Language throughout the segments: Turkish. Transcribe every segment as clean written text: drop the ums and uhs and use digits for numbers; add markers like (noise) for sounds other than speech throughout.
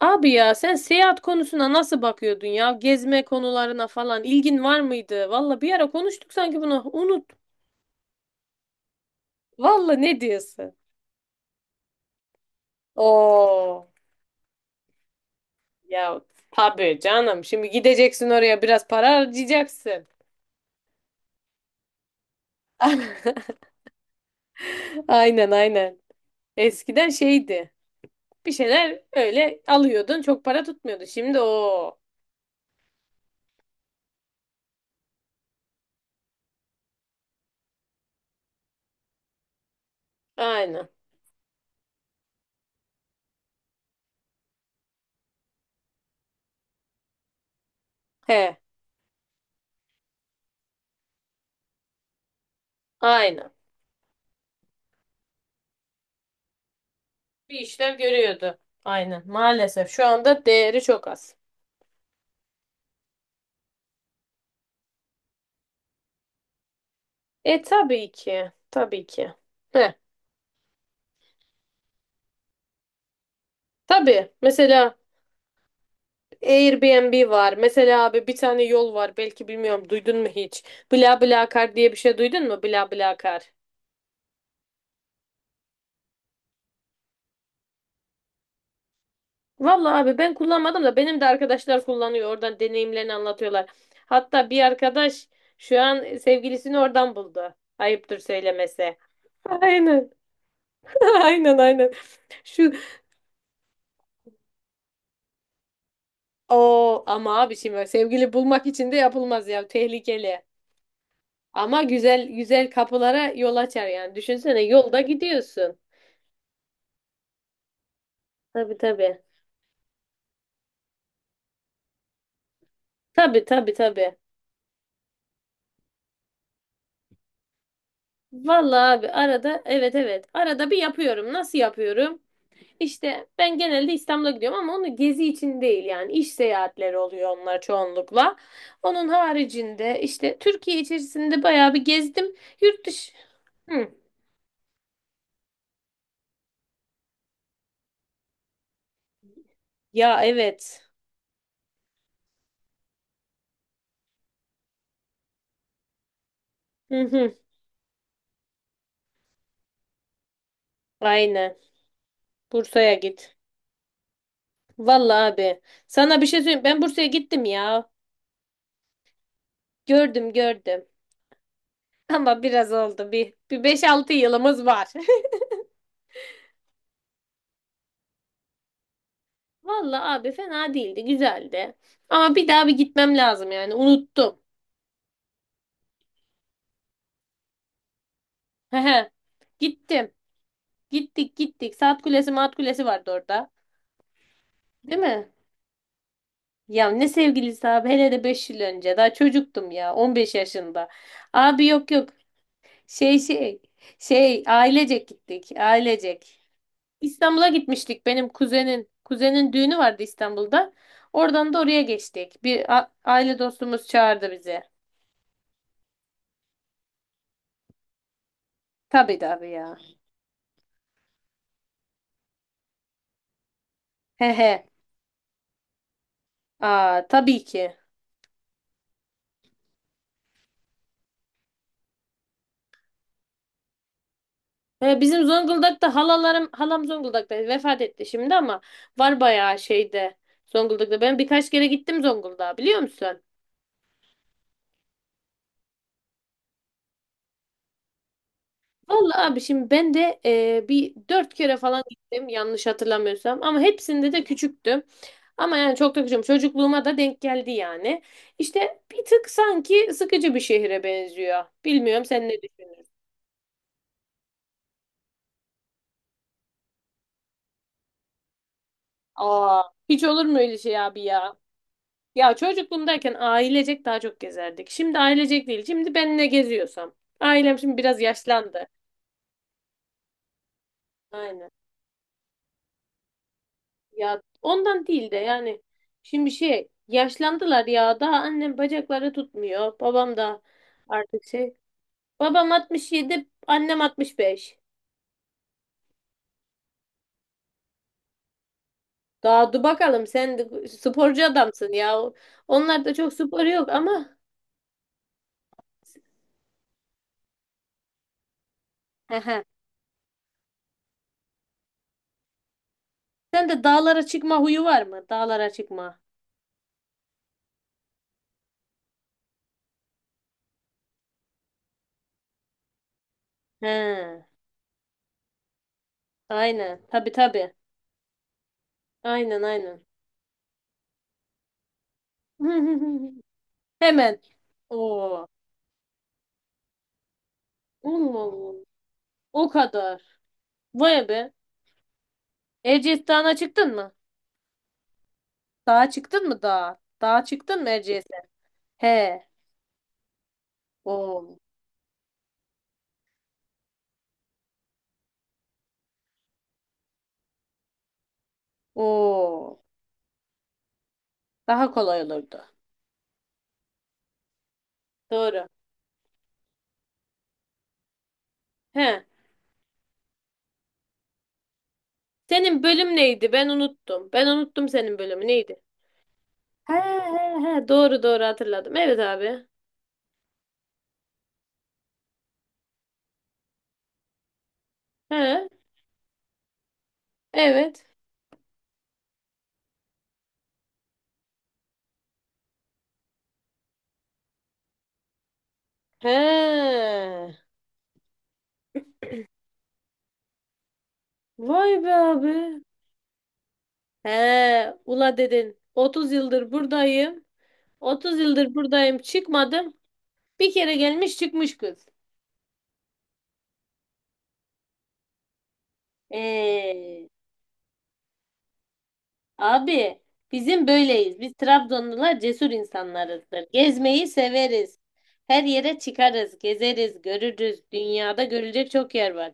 Abi ya sen seyahat konusuna nasıl bakıyordun ya? Gezme konularına falan ilgin var mıydı? Valla bir ara konuştuk sanki bunu. Unut. Valla ne diyorsun? Oo ya tabii canım. Şimdi gideceksin oraya biraz para harcayacaksın. (laughs) Aynen, aynen. Eskiden şeydi. Bir şeyler öyle alıyordun çok para tutmuyordu. Şimdi o. Aynen. He. Aynen. Bir işler görüyordu. Aynen. Maalesef şu anda değeri çok az. E tabii ki. Tabii ki. Heh, tabii. Mesela Airbnb var. Mesela abi bir tane yol var. Belki bilmiyorum duydun mu hiç? BlaBlaCar diye bir şey duydun mu? BlaBlaCar. Vallahi abi ben kullanmadım da benim de arkadaşlar kullanıyor. Oradan deneyimlerini anlatıyorlar. Hatta bir arkadaş şu an sevgilisini oradan buldu. Ayıptır söylemesi. Aynen. (laughs) Aynen, aynen. Şu o ama abi şimdi sevgili bulmak için de yapılmaz ya. Tehlikeli. Ama güzel güzel kapılara yol açar yani. Düşünsene yolda gidiyorsun. Tabii, tabii. Tabii, tabii, tabii. Vallahi abi arada evet, evet. Arada bir yapıyorum. Nasıl yapıyorum? İşte ben genelde İstanbul'a gidiyorum ama onu gezi için değil yani iş seyahatleri oluyor onlar çoğunlukla. Onun haricinde işte Türkiye içerisinde bayağı bir gezdim. Yurt dışı. Hı. Ya evet. Hı hı. Aynen. Bursa'ya git. Vallahi abi. Sana bir şey söyleyeyim. Ben Bursa'ya gittim ya. Gördüm, gördüm. (laughs) Ama biraz oldu. Bir beş altı yılımız var. (laughs) Vallahi abi fena değildi. Güzeldi. Ama bir daha bir gitmem lazım yani. Unuttum. Hehe. Gittim. Gittik, gittik. Saat kulesi maat kulesi vardı orada. Değil mi? Ya ne sevgilisi abi. Hele de 5 yıl önce. Daha çocuktum ya. 15 yaşında. Abi yok, yok. Şey, şey. Şey ailecek gittik. Ailecek. İstanbul'a gitmiştik benim kuzenin. Kuzenin düğünü vardı İstanbul'da. Oradan da oraya geçtik. Bir aile dostumuz çağırdı bizi. Tabii tabii ya. He he. Aa, tabii ki. Bizim Zonguldak'ta halalarım, halam Zonguldak'ta vefat etti şimdi ama var bayağı şeyde Zonguldak'ta. Ben birkaç kere gittim Zonguldak'a biliyor musun? Vallahi abi şimdi ben de bir dört kere falan gittim yanlış hatırlamıyorsam ama hepsinde de küçüktüm. Ama yani çok da küçüğüm. Çocukluğuma da denk geldi yani. İşte bir tık sanki sıkıcı bir şehre benziyor. Bilmiyorum sen ne düşünüyorsun? Aa, hiç olur mu öyle şey abi ya? Ya çocukluğumdayken ailecek daha çok gezerdik. Şimdi ailecek değil. Şimdi ben ne geziyorsam. Ailem şimdi biraz yaşlandı. Aynen. Ya ondan değil de yani şimdi şey yaşlandılar ya daha annem bacakları tutmuyor. Babam da artık şey. Babam 67, annem 65. Daha dur bakalım sen de sporcu adamsın ya. Onlarda çok spor yok ama. Hehe. Sen de dağlara çıkma huyu var mı? Dağlara çıkma. He. Aynen. Tabii, tabii. Aynen, aynen. (laughs) Hemen. Oo. Allah Allah. O kadar. Vay be. Erciyes Dağı'na çıktın mı? Dağa çıktın mı dağa? Dağa çıktın mı Erciyes'e? He. Oo. Oo. Daha kolay olurdu. Doğru. He. Senin bölüm neydi? Ben unuttum. Ben unuttum senin bölümü neydi? He he he. Doğru, doğru hatırladım. Evet abi. He. Evet. He. Vay be abi. He. Ula dedin. 30 yıldır buradayım. 30 yıldır buradayım. Çıkmadım. Bir kere gelmiş çıkmış kız. Ee. Abi bizim böyleyiz. Biz Trabzonlular cesur insanlarızdır. Gezmeyi severiz. Her yere çıkarız, gezeriz, görürüz. Dünyada görülecek çok yer var.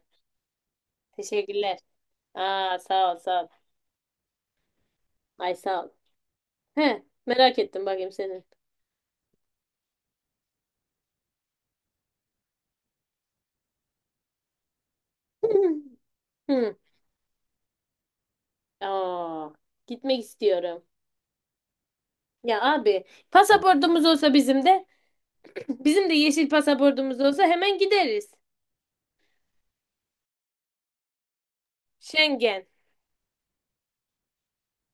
Teşekkürler. Aa sağ ol, sağ ol. Ay sağ ol. He, merak ettim bakayım senin. (clears throat) (laughs) Hı. Aa, gitmek istiyorum. Ya abi pasaportumuz olsa bizim de (clears throat) bizim de yeşil pasaportumuz olsa hemen gideriz. Schengen.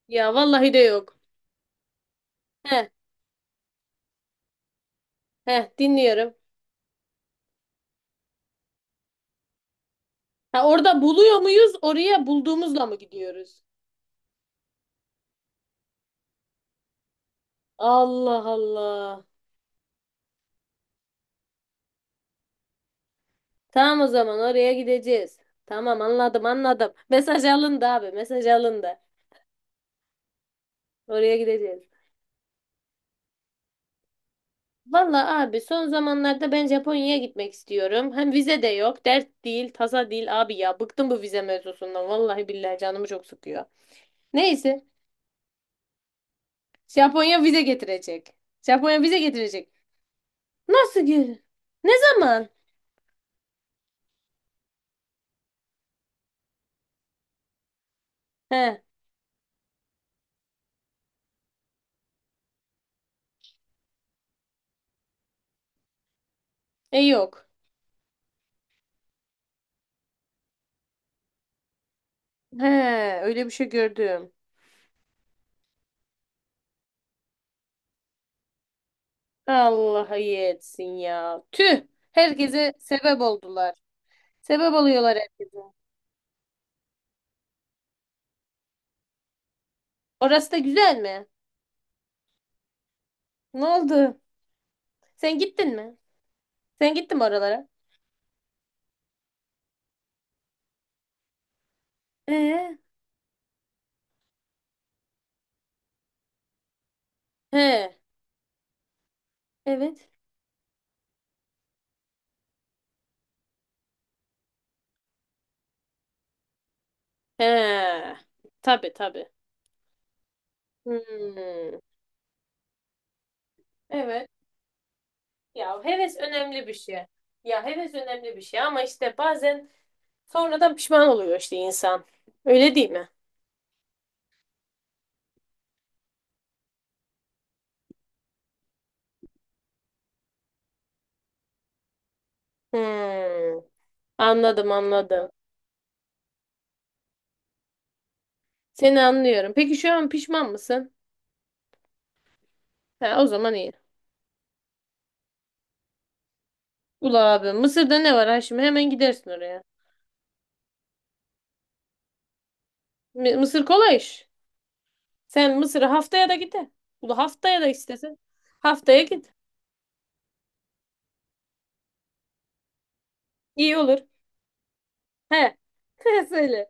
Ya vallahi de yok. He, he dinliyorum. Ha, orada buluyor muyuz? Oraya bulduğumuzla mı gidiyoruz? Allah Allah. Tamam o zaman oraya gideceğiz. Tamam anladım, anladım. Mesaj alındı abi mesaj alındı. Oraya gideceğiz. Valla abi son zamanlarda ben Japonya'ya gitmek istiyorum. Hem vize de yok. Dert değil, tasa değil abi ya. Bıktım bu vize mevzusundan. Vallahi billahi canımı çok sıkıyor. Neyse. Japonya vize getirecek. Japonya vize getirecek. Nasıl gel? Ne zaman? He. E yok. He, öyle bir şey gördüm. Allah iyi etsin ya. Tüh. Herkese sebep oldular. Sebep oluyorlar herkese. Orası da güzel mi? Ne oldu? Sen gittin mi? Sen gittin mi oralara? Ee? He. Evet. He. Tabii, tabii. Hmm. Evet. Ya heves önemli bir şey. Ya heves önemli bir şey ama işte bazen sonradan pişman oluyor işte insan. Öyle değil mi? Hmm. Anladım, anladım. Seni anlıyorum. Peki şu an pişman mısın? Ha, o zaman iyi. Ula abi Mısır'da ne var ha hemen gidersin oraya. Mısır kolay iş. Sen Mısır'a haftaya da gide. Ula haftaya da istesen. Haftaya git. İyi olur. He. (laughs) He söyle.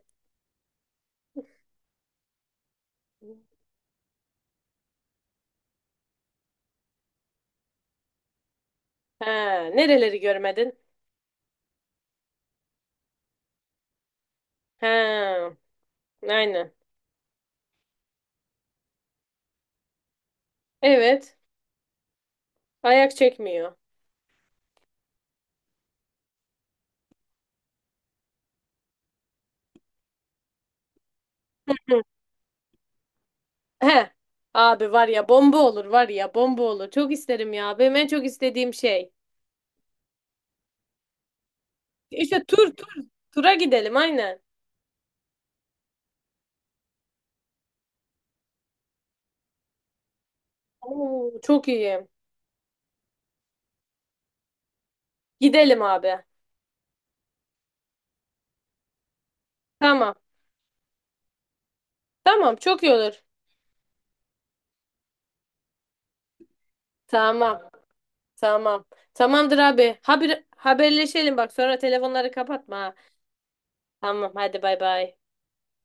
Ha, nereleri görmedin? Ha, aynen. Evet. Ayak çekmiyor. Hı. He. Abi var ya bomba olur var ya bomba olur. Çok isterim ya. Benim en çok istediğim şey. İşte tur tur. Tura gidelim aynen. Oo, çok iyi. Gidelim abi. Tamam. Tamam çok iyi olur. Tamam. Tamam. Tamamdır abi. Haber, haberleşelim bak sonra telefonları kapatma. Ha. Tamam hadi bay bay.